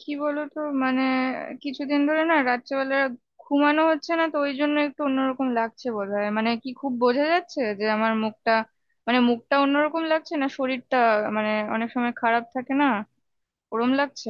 কি বলতো, কিছুদিন ধরে না রাত্রেবেলা ঘুমানো হচ্ছে না, তো ওই জন্য একটু অন্যরকম লাগছে বোধহয়। কি খুব বোঝা যাচ্ছে যে আমার মুখটা, মুখটা অন্যরকম লাগছে, না শরীরটা মানে অনেক সময় খারাপ থাকে না, ওরম লাগছে।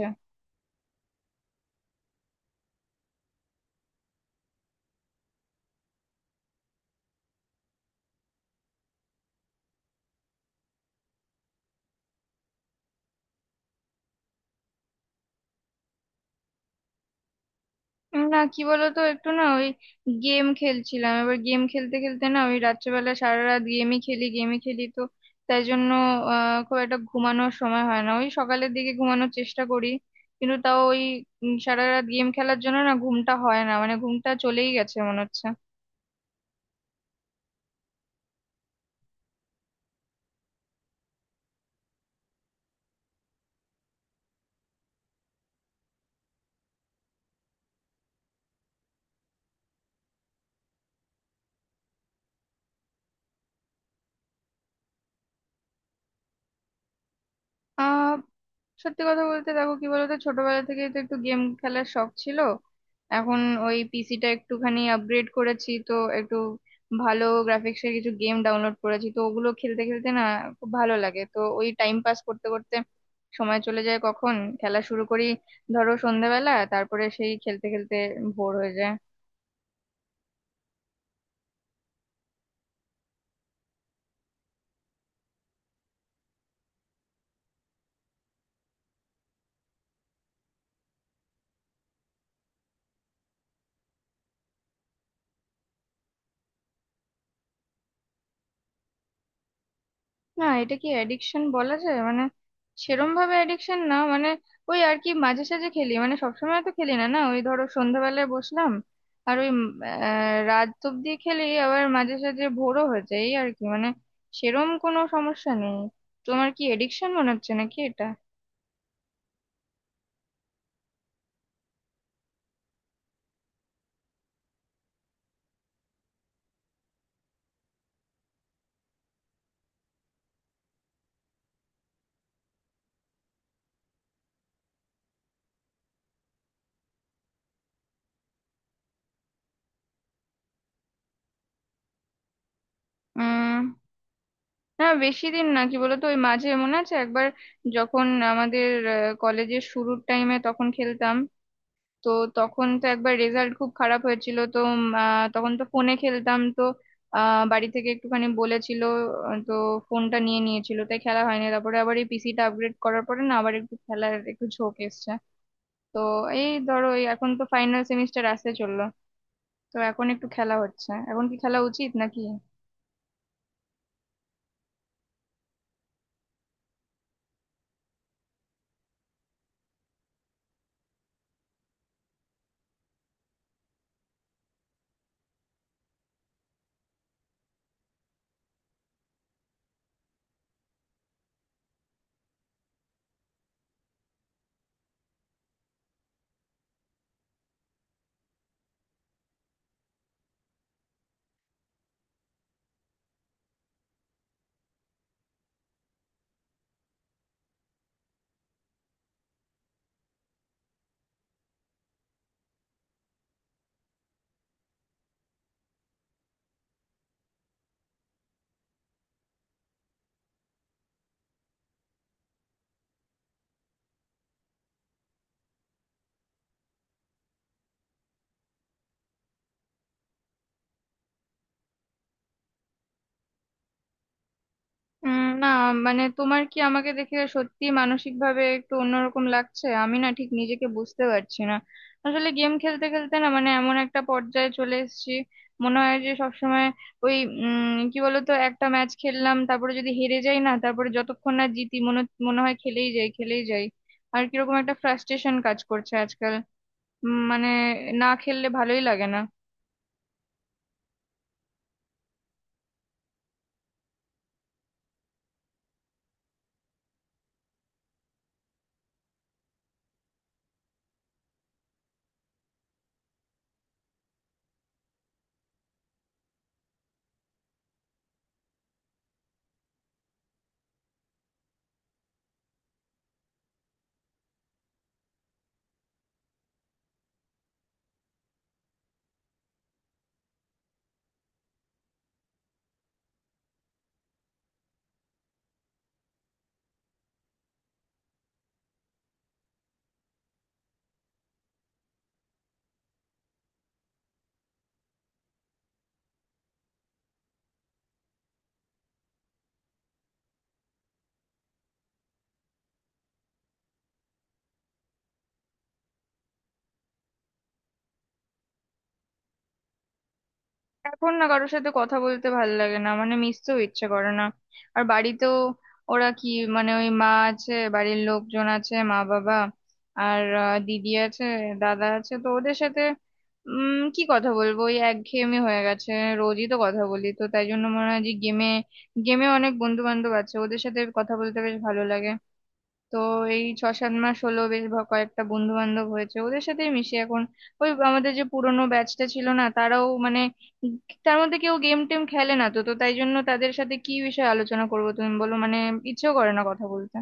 না কি বলতো, একটু না ওই গেম খেলছিলাম। এবার গেম খেলতে খেলতে না, ওই রাত্রেবেলা সারা রাত গেমই খেলি তো, তাই জন্য খুব একটা ঘুমানোর সময় হয় না। ওই সকালের দিকে ঘুমানোর চেষ্টা করি, কিন্তু তাও ওই সারা রাত গেম খেলার জন্য না ঘুমটা হয় না। ঘুমটা চলেই গেছে মনে হচ্ছে। আহ সত্যি কথা বলতে দেখো, কি বলতো, ছোটবেলা থেকে তো একটু গেম খেলার শখ ছিল। এখন ওই পিসিটা একটুখানি আপগ্রেড করেছি, তো একটু ভালো গ্রাফিক্সের কিছু গেম ডাউনলোড করেছি, তো ওগুলো খেলতে খেলতে না খুব ভালো লাগে। তো ওই টাইম পাস করতে করতে সময় চলে যায় কখন। খেলা শুরু করি ধরো সন্ধ্যাবেলা, তারপরে সেই খেলতে খেলতে ভোর হয়ে যায়। না, এটা কি অ্যাডিকশন বলা যায়? সেরম ভাবে অ্যাডিকশন না। ওই আর কি, মাঝে সাঝে খেলি। সবসময় তো খেলি না। না ওই ধরো সন্ধ্যাবেলায় বসলাম, আর ওই রাত অব্দি খেলি, আবার মাঝে সাঝে ভোরও হয়ে যায়, এই আর কি। সেরম কোনো সমস্যা নেই। তোমার কি এডিকশন মনে হচ্ছে নাকি এটা? উম না, বেশি দিন না। কি বলতো, ওই মাঝে মনে আছে একবার, যখন আমাদের কলেজের শুরুর টাইমে তখন খেলতাম। তো তখন তো একবার রেজাল্ট খুব খারাপ হয়েছিল, তো তখন তো ফোনে খেলতাম তো। বাড়ি থেকে একটুখানি বলেছিল। আহ, তো ফোনটা নিয়ে নিয়েছিল, তাই খেলা হয়নি। তারপরে আবার এই পিসিটা আপগ্রেড করার পরে না, আবার একটু খেলার একটু ঝোঁক এসছে। তো এই ধরো এই এখন তো ফাইনাল সেমিস্টার আসতে চললো, তো এখন একটু খেলা হচ্ছে। এখন কি খেলা উচিত নাকি? না, তোমার কি আমাকে দেখে সত্যি মানসিক ভাবে একটু অন্যরকম লাগছে? আমি না ঠিক নিজেকে বুঝতে পারছি না। আসলে গেম খেলতে খেলতে না, এমন একটা পর্যায়ে চলে এসেছি মনে হয় যে সবসময় ওই কি বলতো, একটা ম্যাচ খেললাম, তারপরে যদি হেরে যাই না, তারপরে যতক্ষণ না জিতি মনে মনে হয় খেলেই যাই খেলেই যাই। আর কিরকম একটা ফ্রাস্ট্রেশন কাজ করছে আজকাল। উম, মানে না খেললে ভালোই লাগে না। এখন না কারোর সাথে কথা বলতে ভাল লাগে না, মিশতেও ইচ্ছে করে না। আর বাড়িতেও ওরা কি, ওই মা আছে, বাড়ির লোকজন আছে, মা বাবা, আর দিদি আছে, দাদা আছে। তো ওদের সাথে কি কথা বলবো? ওই একঘেয়েমি হয়ে গেছে। রোজই তো কথা বলি, তো তাই জন্য মনে হয় যে গেমে গেমে অনেক বন্ধু বান্ধব আছে, ওদের সাথে কথা বলতে বেশ ভালো লাগে। তো এই ছ সাত মাস হলো বেশ কয়েকটা বন্ধু বান্ধব হয়েছে, ওদের সাথেই মিশি এখন। ওই আমাদের যে পুরোনো ব্যাচটা ছিল না তারাও, মানে উম তার মধ্যে কেউ গেম টেম খেলে না তো। তো তাই জন্য তাদের সাথে কি বিষয়ে আলোচনা করবো তুমি বলো? ইচ্ছেও করে না কথা বলতে।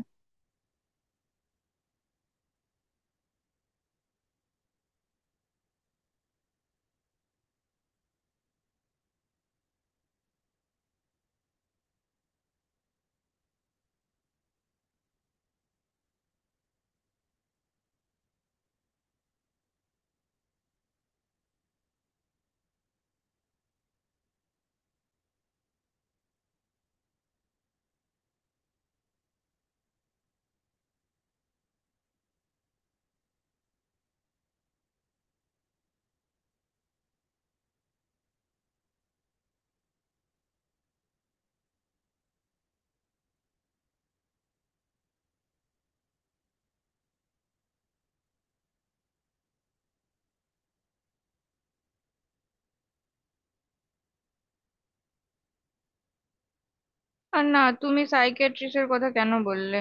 আর না, তুমি সাইকিয়াট্রিস্টের কথা কেন বললে?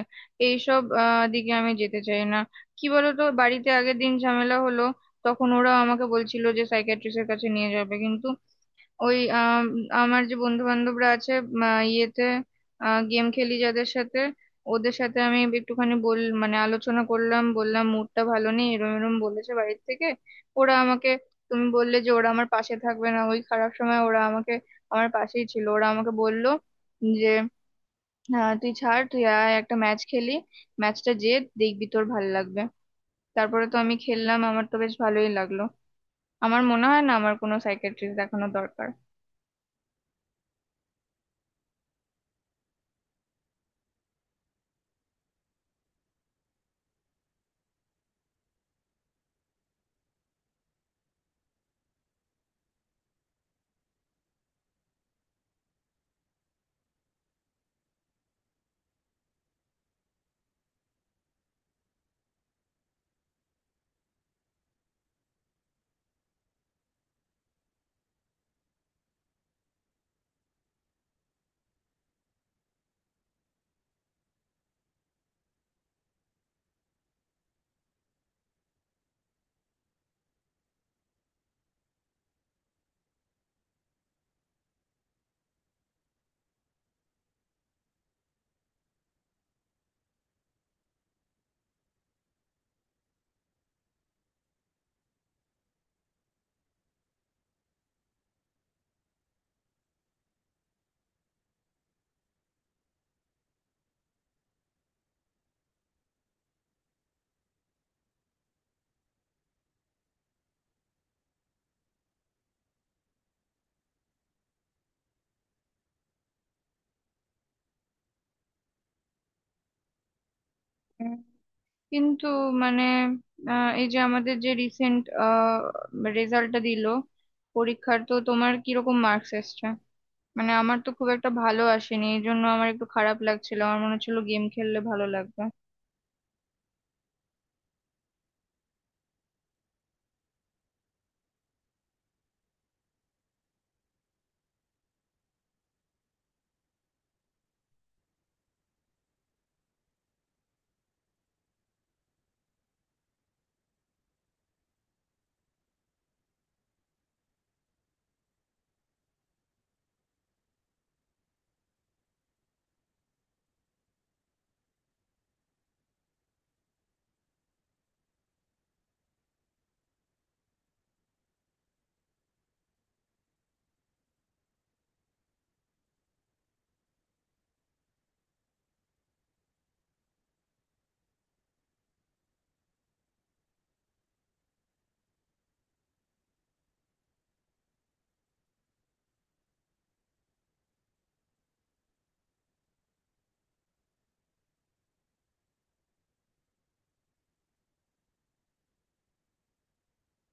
এইসব দিকে আমি যেতে চাই না। কি বলো তো, বাড়িতে আগের দিন ঝামেলা হলো, তখন ওরা আমাকে বলছিল যে সাইকিয়াট্রিস্টের কাছে নিয়ে যাবে। কিন্তু ওই আমার যে বন্ধু বান্ধবরা আছে, ইয়েতে গেম খেলি যাদের সাথে, ওদের সাথে আমি একটুখানি আলোচনা করলাম, বললাম মুডটা ভালো নেই, এরম এরম বলেছে বাড়ির থেকে, ওরা আমাকে। তুমি বললে যে ওরা আমার পাশে থাকবে না ওই খারাপ সময়, ওরা আমাকে, আমার পাশেই ছিল। ওরা আমাকে বললো যে তুই ছাড়, তুই আয় একটা ম্যাচ খেলি, ম্যাচটা যে দেখবি তোর ভালো লাগবে। তারপরে তো আমি খেললাম, আমার তো বেশ ভালোই লাগলো। আমার মনে হয় না আমার কোনো সাইকিয়াট্রিস্ট দেখানো দরকার। কিন্তু মানে এই যে আমাদের যে রিসেন্ট রেজাল্টটা দিল পরীক্ষার, তো তোমার কিরকম মার্কস এসছে? আমার তো খুব একটা ভালো আসেনি, এই জন্য আমার একটু খারাপ লাগছিল, আমার মনে হচ্ছিল গেম খেললে ভালো লাগবে।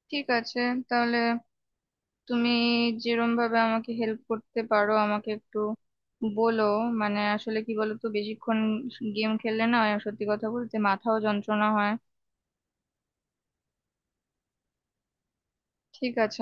ঠিক আছে, তাহলে তুমি যেরম ভাবে আমাকে হেল্প করতে পারো আমাকে একটু বলো। আসলে কি বলো তো, বেশিক্ষণ গেম খেললে না, সত্যি কথা বলতে মাথাও যন্ত্রণা হয়। ঠিক আছে।